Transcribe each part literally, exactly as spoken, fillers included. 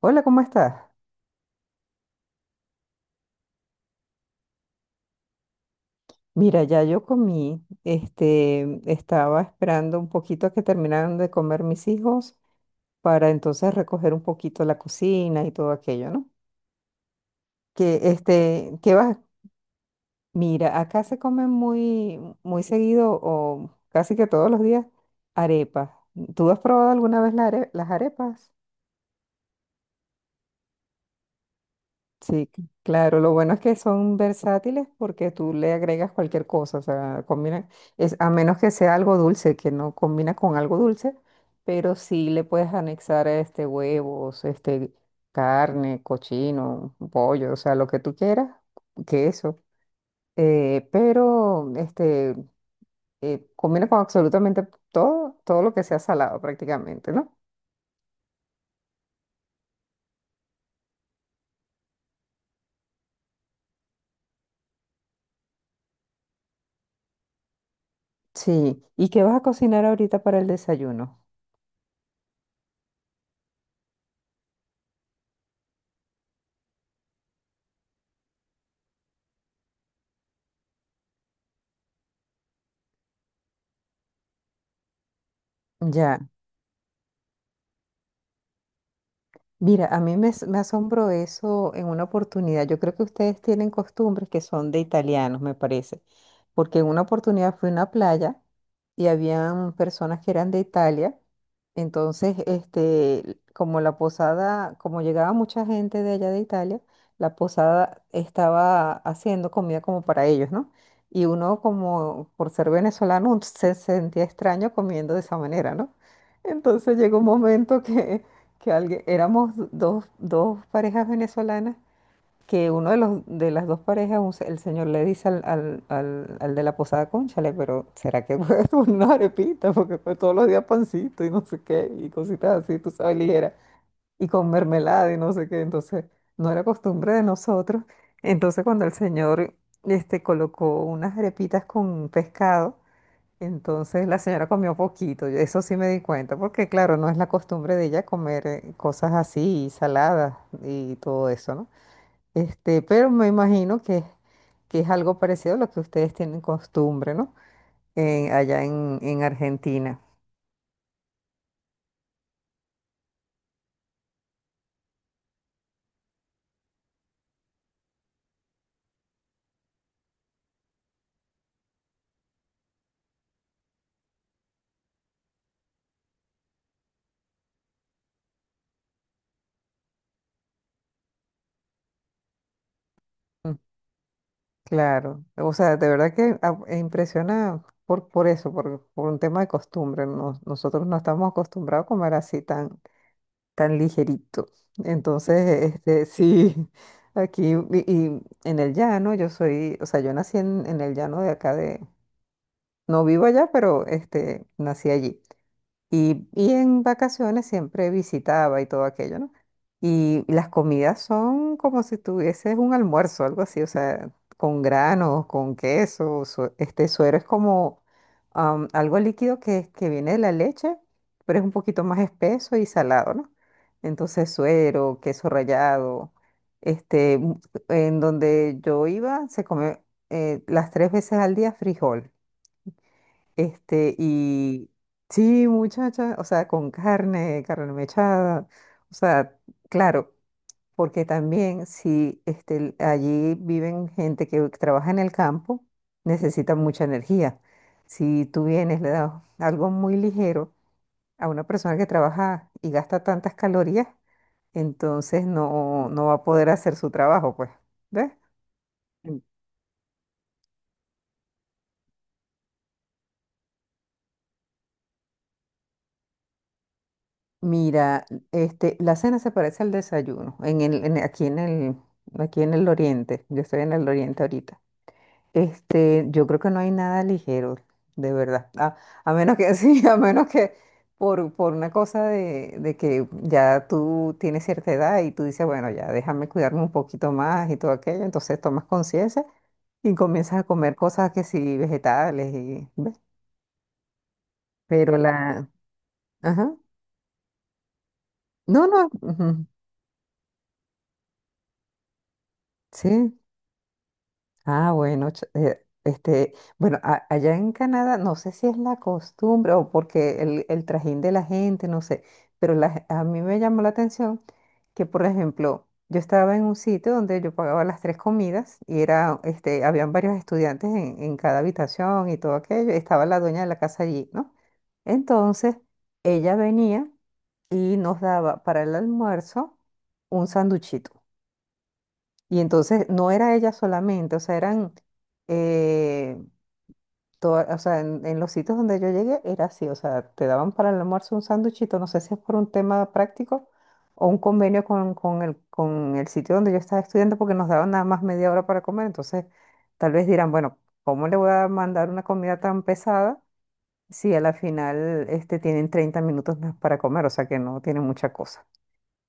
Hola, ¿cómo estás? Mira, ya yo comí, este, estaba esperando un poquito a que terminaran de comer mis hijos para entonces recoger un poquito la cocina y todo aquello, ¿no? Que, este, ¿qué vas? Mira, acá se comen muy, muy seguido o casi que todos los días arepas. ¿Tú has probado alguna vez la are- las arepas? Sí, c- claro, lo bueno es que son versátiles porque tú le agregas cualquier cosa, o sea, combina, es, a menos que sea algo dulce, que no combina con algo dulce, pero sí le puedes anexar este huevos, este carne, cochino, pollo, o sea, lo que tú quieras, queso, eh, pero este eh, combina con absolutamente todo, todo lo que sea salado prácticamente, ¿no? Sí, ¿y qué vas a cocinar ahorita para el desayuno? Ya. Mira, a mí me, as- me asombró eso en una oportunidad. Yo creo que ustedes tienen costumbres que son de italianos, me parece, porque en una oportunidad fui a una playa y habían personas que eran de Italia. Entonces, este, como la posada, como llegaba mucha gente de allá de Italia, la posada estaba haciendo comida como para ellos, ¿no? Y uno como por ser venezolano se sentía extraño comiendo de esa manera, ¿no? Entonces llegó un momento que que alguien, éramos dos, dos parejas venezolanas, que uno de los de las dos parejas, un se- el señor le dice al, al, al, al de la posada, cónchale, pero ¿será que puedes una arepita? Porque pues, todos los días pancito y no sé qué, y cositas así, tú sabes, ligera, y con mermelada y no sé qué. Entonces, no era costumbre de nosotros. Entonces, cuando el señor este, colocó unas arepitas con pescado, entonces la señora comió poquito, yo- eso sí me di cuenta, porque claro, no es la costumbre de ella comer eh, cosas así, saladas y todo eso, ¿no? Este, pero me imagino que, que es algo parecido a lo que ustedes tienen costumbre, ¿no? En- allá en, en Argentina. Mm. Claro, o sea, de verdad que ah, eh, impresiona por, por eso, por, por un tema de costumbre. Nos- nosotros no estamos acostumbrados a comer así tan. Tan ligerito. Entonces, este, sí, aquí y, y en el llano, yo soy, o sea, yo nací en, en el llano de acá de, no vivo allá, pero este, nací allí. Y, y en vacaciones siempre visitaba y todo aquello, ¿no? Y las comidas son como si tuvieses un almuerzo, algo así, o sea, con granos, con queso, su- este suero es como am, algo líquido que, que viene de la leche, pero es un poquito más espeso y salado, ¿no? Entonces, suero, queso rallado, este, mu- en donde yo iba se come eh, las tres veces al día frijol. Este, y sí, muchacha, o sea, con carne, carne mechada, o sea, claro, porque también si este, el- allí viven gente que trabaja en el campo, necesita mucha energía. Si tú vienes, le das algo muy ligero a una persona que trabaja y gasta tantas calorías, entonces no, no va a poder hacer su trabajo, pues, ¿ves? Mira, este, la cena se parece al desayuno en el, en- aquí en el, aquí en el oriente. Yo estoy en el oriente ahorita. Este, yo creo que no hay nada ligero, de verdad. A, a menos que sí, a menos que por, por una cosa de, de que ya tú tienes cierta edad y tú dices, bueno, ya déjame cuidarme un poquito más y todo aquello. Entonces tomas conciencia y comienzas a comer cosas que sí, vegetales y, ¿ves? Pero la, ajá. No, no, ujú, sí. Ah, bueno, ch- eh, este, bueno, a- allá en Canadá, no sé si es la costumbre o porque el, el trajín de la gente, no sé, pero la ge- a mí me llamó la atención que, por ejemplo, yo estaba en un sitio donde yo pagaba las tres comidas y era, este, habían varios estudiantes en, en cada habitación y todo aquello, estaba la dueña de la casa allí, ¿no? Entonces, ella venía y nos daba para el almuerzo un sanduchito. Y entonces no era ella solamente, o sea, eran, eh, toda- o sea, en, en los sitios donde yo llegué era así, o sea, te daban para el almuerzo un sándwichito, no sé si es por un tema práctico o un convenio con, con el, con el sitio donde yo estaba estudiando porque nos daban nada más media hora para comer, entonces tal vez dirán, bueno, ¿cómo le voy a mandar una comida tan pesada si a la final este, tienen treinta minutos más para comer, o sea que no tienen mucha cosa?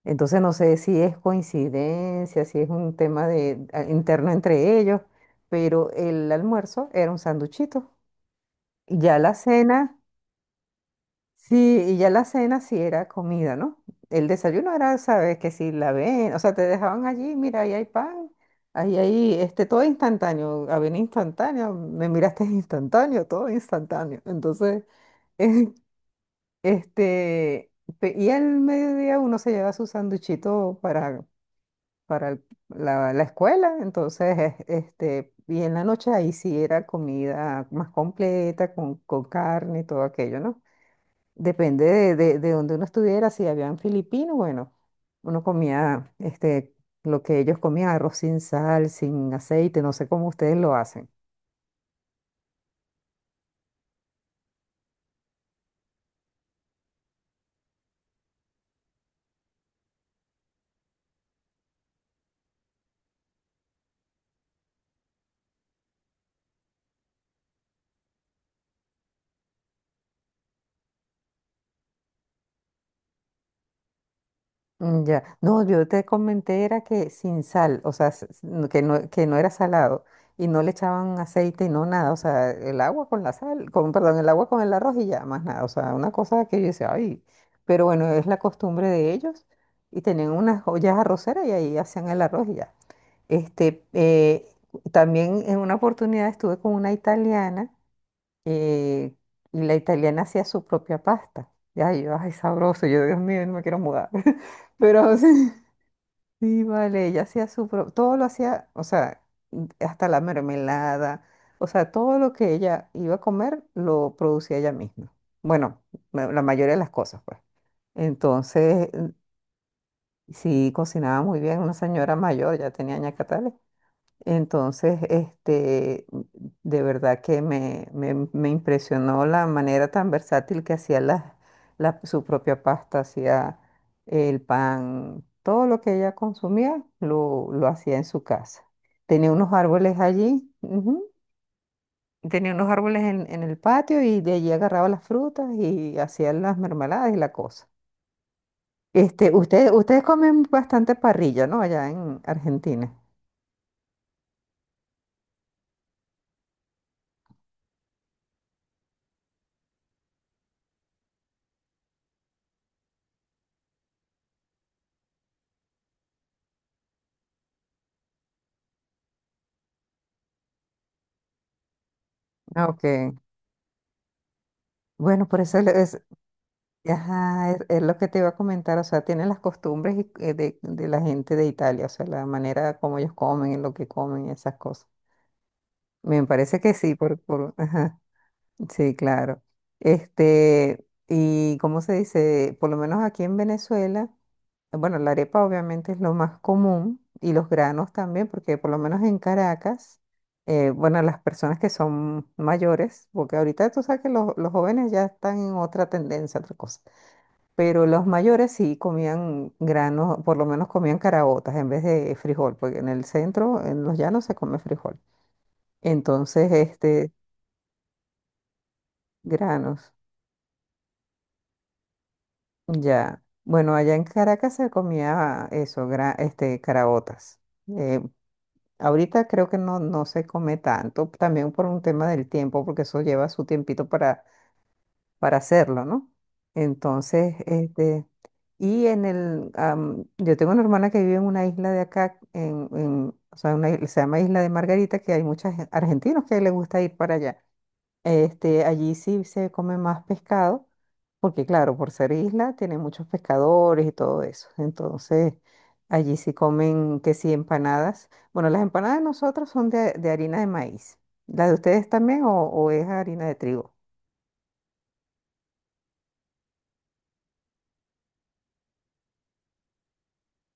Entonces no sé si es coincidencia, si es un tema de, a- interno entre ellos, pero el almuerzo era un sanduchito. Y ya la cena, sí, y ya la cena sí era comida, ¿no? El desayuno era, sabes, que si la ven, o sea, te dejaban allí, mira, ahí hay pan, ahí hay, este, todo instantáneo, avena instantánea, me miraste instantáneo, todo instantáneo. Entonces, este, pe- y al mediodía uno se lleva su sanduchito para para el- la, la escuela, entonces, es- este, y en la noche ahí sí era comida más completa, con, con carne y todo aquello, ¿no? Depende de, de, de donde uno estuviera, si habían filipinos, bueno, uno comía, este, lo que ellos comían, arroz sin sal, sin aceite, no sé cómo ustedes lo hacen. Mm. Ya, no, yo te comenté era que sin sal, o sea, s- s- no- que no, que no era salado y no le echaban aceite y no nada, o sea, el agua con la sal, con, perdón, el agua con el arroz y ya, más nada, o sea, una cosa que yo decía, ay, pero bueno, es la costumbre de ellos y tenían unas ollas arroceras y ahí hacían el arroz y ya. Este, eh, también en una oportunidad estuve con una italiana y, y la italiana hacía su propia pasta. Ya, yo, ay, sabroso, yo, Dios mío, no me quiero mudar. Pero sí, sí, vale, ella hacía su propio, todo lo hacía, o sea, hasta la mermelada, o sea, todo lo que ella iba a comer lo producía ella misma. Bueno, la la mayoría de las cosas, pues. Entonces, sí, cocinaba muy bien, una señora mayor, ya tenía ñacatales. Entonces, este, de verdad que me, me- me impresionó la manera tan versátil que hacía la, la- su propia pasta, hacía el pan, todo lo que ella consumía lo, lo hacía en su casa. Tenía unos árboles allí, ujú, tenía unos árboles en, en el patio y de allí agarraba las frutas y hacía las mermeladas y la cosa. Este, ustedes, ustedes comen bastante parrilla, ¿no? Allá en Argentina. Ah, ok. Bueno, por eso ajá, es, es lo que te iba a comentar, o sea, tienen las costumbres y- eh, de, de la gente de Italia, o sea, la manera como ellos comen, lo que comen, esas cosas. Me parece que sí, por, por, ajá, sí, claro. Este, y cómo se dice, por lo menos aquí en Venezuela, bueno, la arepa obviamente es lo más común y los granos también, porque por lo menos en Caracas, eh, bueno, las personas que son mayores, porque ahorita tú sabes que los, los jóvenes ya están en otra tendencia, otra cosa. Pero los mayores sí comían granos, por lo menos comían caraotas en vez de frijol, porque en el centro, en los llanos, se come frijol. Entonces, este, granos, ya. Bueno, allá en Caracas se comía eso, gra- este, caraotas. Eh, ahorita creo que no, no se come tanto, también por un tema del tiempo, porque eso lleva su tiempito para, para hacerlo, ¿no? Entonces, este, Y en el, am, yo tengo una hermana que vive en una isla de acá, en, en- o sea, una isla- se llama Isla de Margarita, que hay muchos argentinos que les gusta ir para allá. Este, allí sí se come más pescado, porque claro, por ser isla, tiene muchos pescadores y todo eso. Entonces, allí sí comen que sí empanadas. Bueno, las empanadas de nosotros son de, de harina de maíz. ¿La de ustedes también o, o es harina de trigo?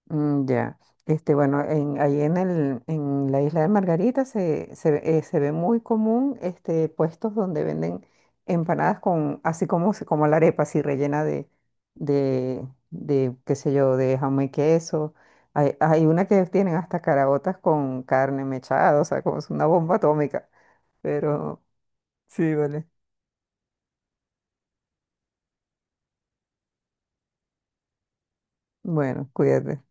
Mm. Ya, este, bueno, en, ahí en el, en la isla de Margarita se, se, ve eh, se ve muy común este, puestos donde venden empanadas con, así como, se- como la arepa, así rellena de, de, de, qué sé yo, de jamón y queso. Hay, hay una que tienen hasta caraotas con carne mechada, o sea, como es una bomba atómica. Pero sí, vale. Bueno, cuídate.